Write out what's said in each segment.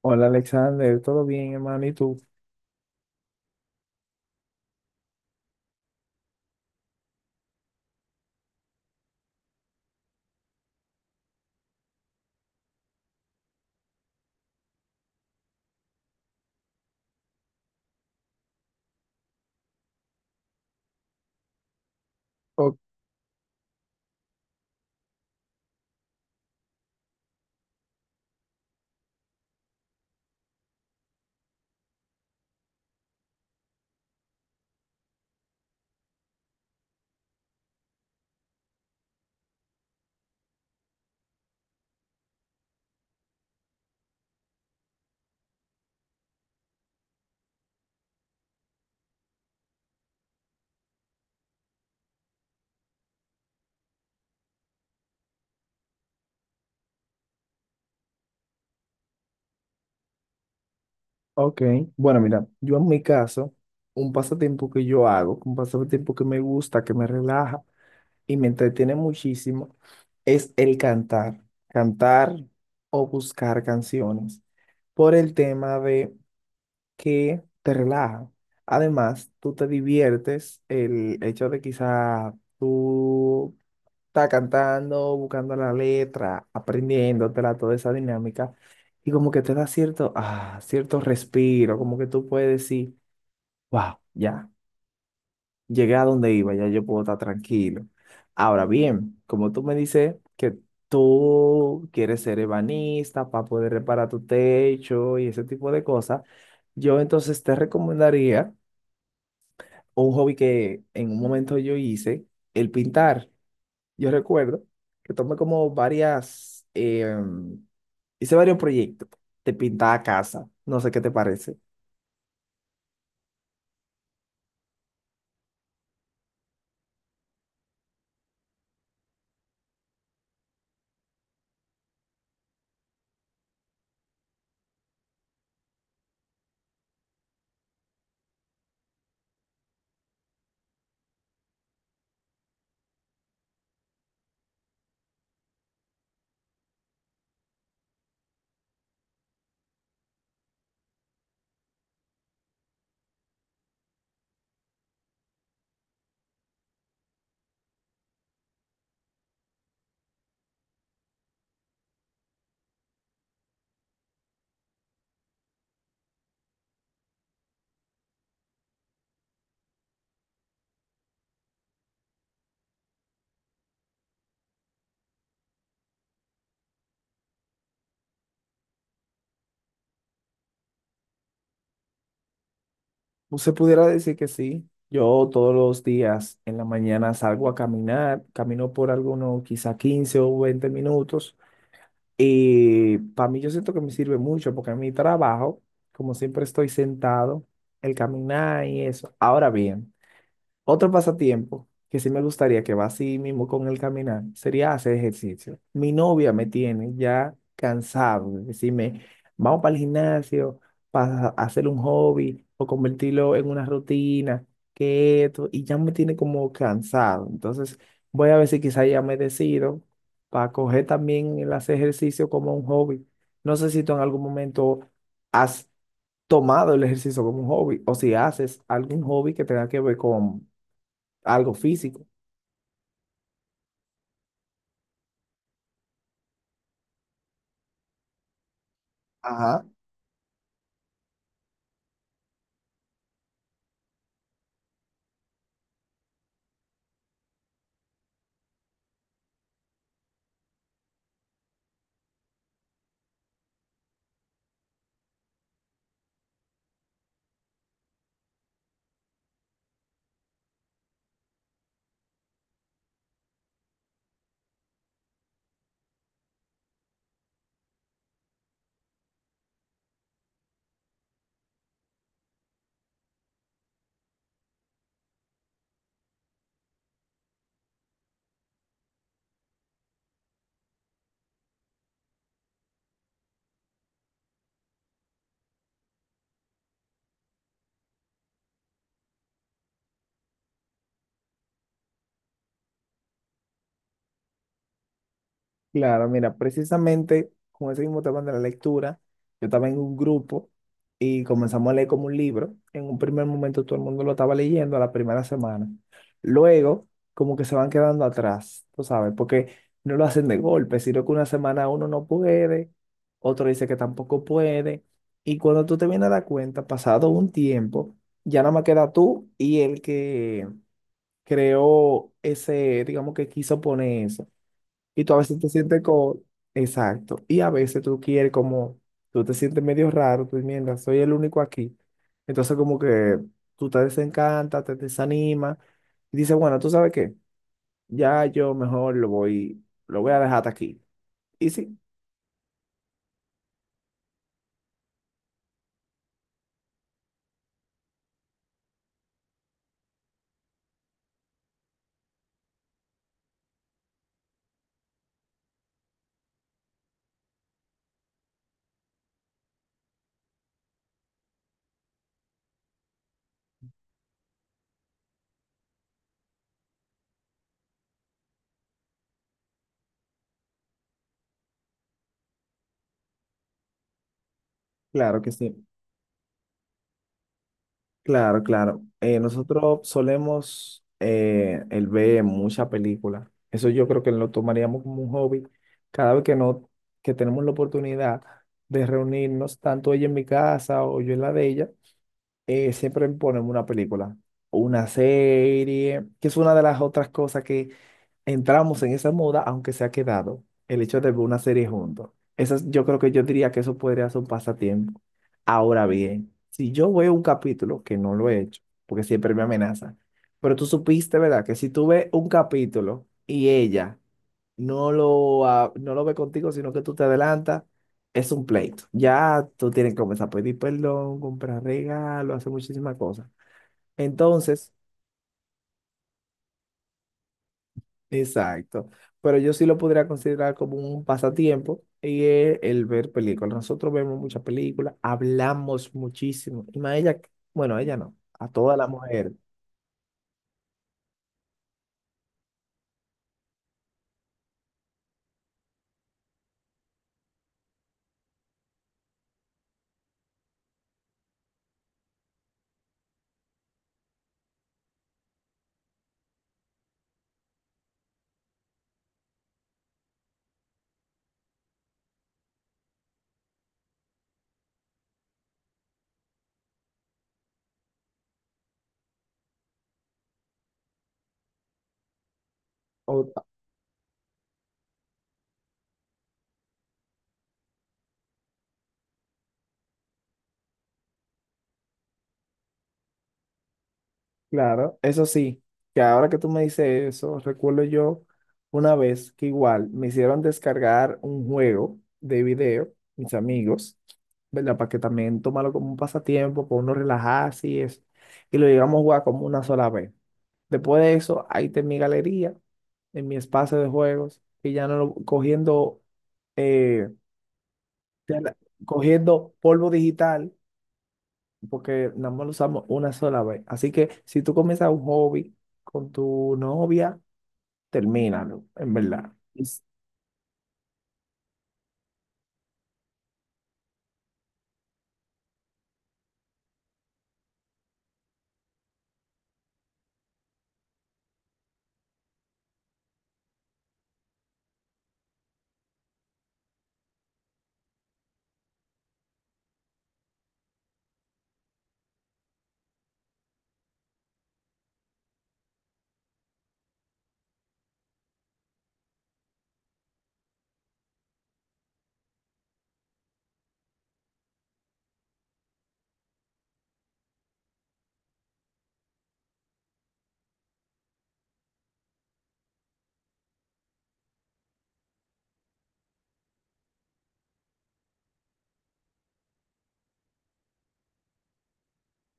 Hola Alexander, ¿todo bien, hermano? ¿Y tú? O- ok, bueno, mira, yo en mi caso, un pasatiempo que yo hago, un pasatiempo que me gusta, que me relaja y me entretiene muchísimo, es el cantar, cantar o buscar canciones, por el tema de que te relaja. Además, tú te diviertes, el hecho de quizá tú está cantando, buscando la letra, aprendiéndotela, toda esa dinámica, y como que te da cierto respiro, como que tú puedes decir, wow, ya, llegué a donde iba, ya yo puedo estar tranquilo. Ahora bien, como tú me dices que tú quieres ser ebanista para poder reparar tu techo y ese tipo de cosas, yo entonces te recomendaría un hobby que en un momento yo hice, el pintar. Yo recuerdo que tomé como varias, hice varios proyectos de pintar casa, no sé qué te parece. Pues se pudiera decir que sí. Yo todos los días en la mañana salgo a caminar, camino por algunos quizá 15 o 20 minutos y para mí yo siento que me sirve mucho porque en mi trabajo, como siempre estoy sentado, el caminar y eso. Ahora bien, otro pasatiempo que sí me gustaría que va así mismo con el caminar sería hacer ejercicio. Mi novia me tiene ya cansado de decirme, vamos para el gimnasio, para hacer un hobby o convertirlo en una rutina, que esto, y ya me tiene como cansado. Entonces voy a ver si quizá ya me decido para coger también el hacer ejercicio como un hobby. No sé si tú en algún momento has tomado el ejercicio como un hobby o si haces algún hobby que tenga que ver con algo físico. Ajá, claro, mira, precisamente con ese mismo tema de la lectura, yo estaba en un grupo y comenzamos a leer como un libro. En un primer momento todo el mundo lo estaba leyendo a la primera semana. Luego, como que se van quedando atrás, tú sabes, porque no lo hacen de golpe, sino que una semana uno no puede, otro dice que tampoco puede. Y cuando tú te vienes a dar cuenta, pasado un tiempo, ya nada más queda tú y el que creó ese, digamos que quiso poner eso. Y tú a veces te sientes como, exacto. Y a veces tú quieres como, tú te sientes medio raro, tú mierda, soy el único aquí. Entonces como que tú te desencantas, te desanimas y dices, bueno, ¿tú sabes qué? Ya yo mejor lo voy a dejar hasta aquí. Y sí, claro que sí. Claro, claro. Nosotros solemos el ver muchas películas. Eso yo creo que lo tomaríamos como un hobby. Cada vez que no, que tenemos la oportunidad de reunirnos, tanto ella en mi casa o yo en la de ella, siempre ponemos una película o una serie, que es una de las otras cosas que entramos en esa moda, aunque se ha quedado el hecho de ver una serie juntos. Yo creo que yo diría que eso podría ser un pasatiempo. Ahora bien, si yo veo un capítulo, que no lo he hecho, porque siempre me amenaza, pero tú supiste, ¿verdad? Que si tú ves un capítulo y ella no lo ve contigo, sino que tú te adelantas, es un pleito. Ya tú tienes que comenzar a pedir perdón, comprar regalos, hacer muchísimas cosas. Entonces, exacto. Pero yo sí lo podría considerar como un pasatiempo y es el ver películas. Nosotros vemos muchas películas, hablamos muchísimo. Y más ella, bueno, a ella no, a toda la mujer. O- claro, eso sí, que ahora que tú me dices eso, recuerdo yo una vez que igual me hicieron descargar un juego de video, mis amigos, ¿verdad? Para que también tomarlo como un pasatiempo, para uno relajarse y eso. Y lo llegamos a jugar como una sola vez. Después de eso, ahí está en mi galería, en mi espacio de juegos, que ya no lo- cogiendo, eh, ya la- cogiendo polvo digital, porque nada más lo usamos una sola vez. Así que si tú comienzas un hobby con tu novia, termínalo, en verdad.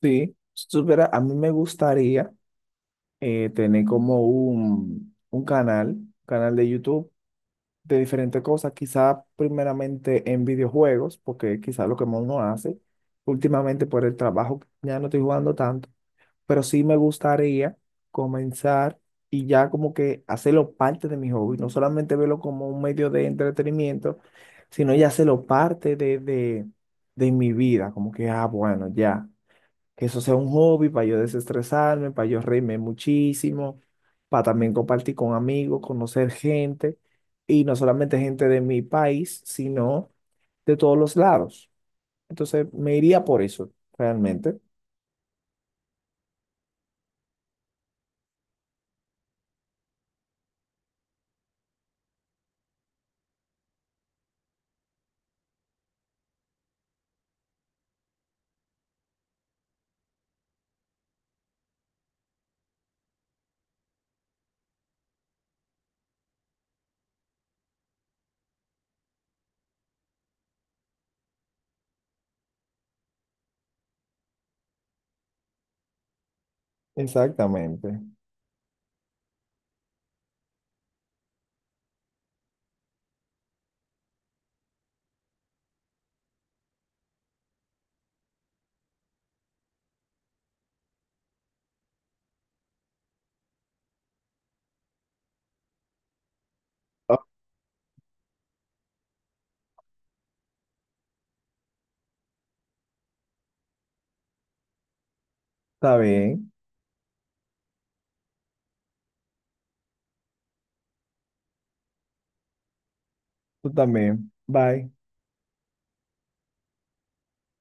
Sí, si supiera, a mí me gustaría tener como un canal de YouTube de diferentes cosas, quizá primeramente en videojuegos, porque quizá lo que más uno hace últimamente por el trabajo, ya no estoy jugando tanto, pero sí me gustaría comenzar y ya como que hacerlo parte de mi hobby, no solamente verlo como un medio de entretenimiento, sino ya hacerlo parte de mi vida, como que, bueno, ya que eso sea un hobby para yo desestresarme, para yo reírme muchísimo, para también compartir con amigos, conocer gente, y no solamente gente de mi país, sino de todos los lados. Entonces me iría por eso, realmente. Exactamente. Ah, está bien, tú también. Bye.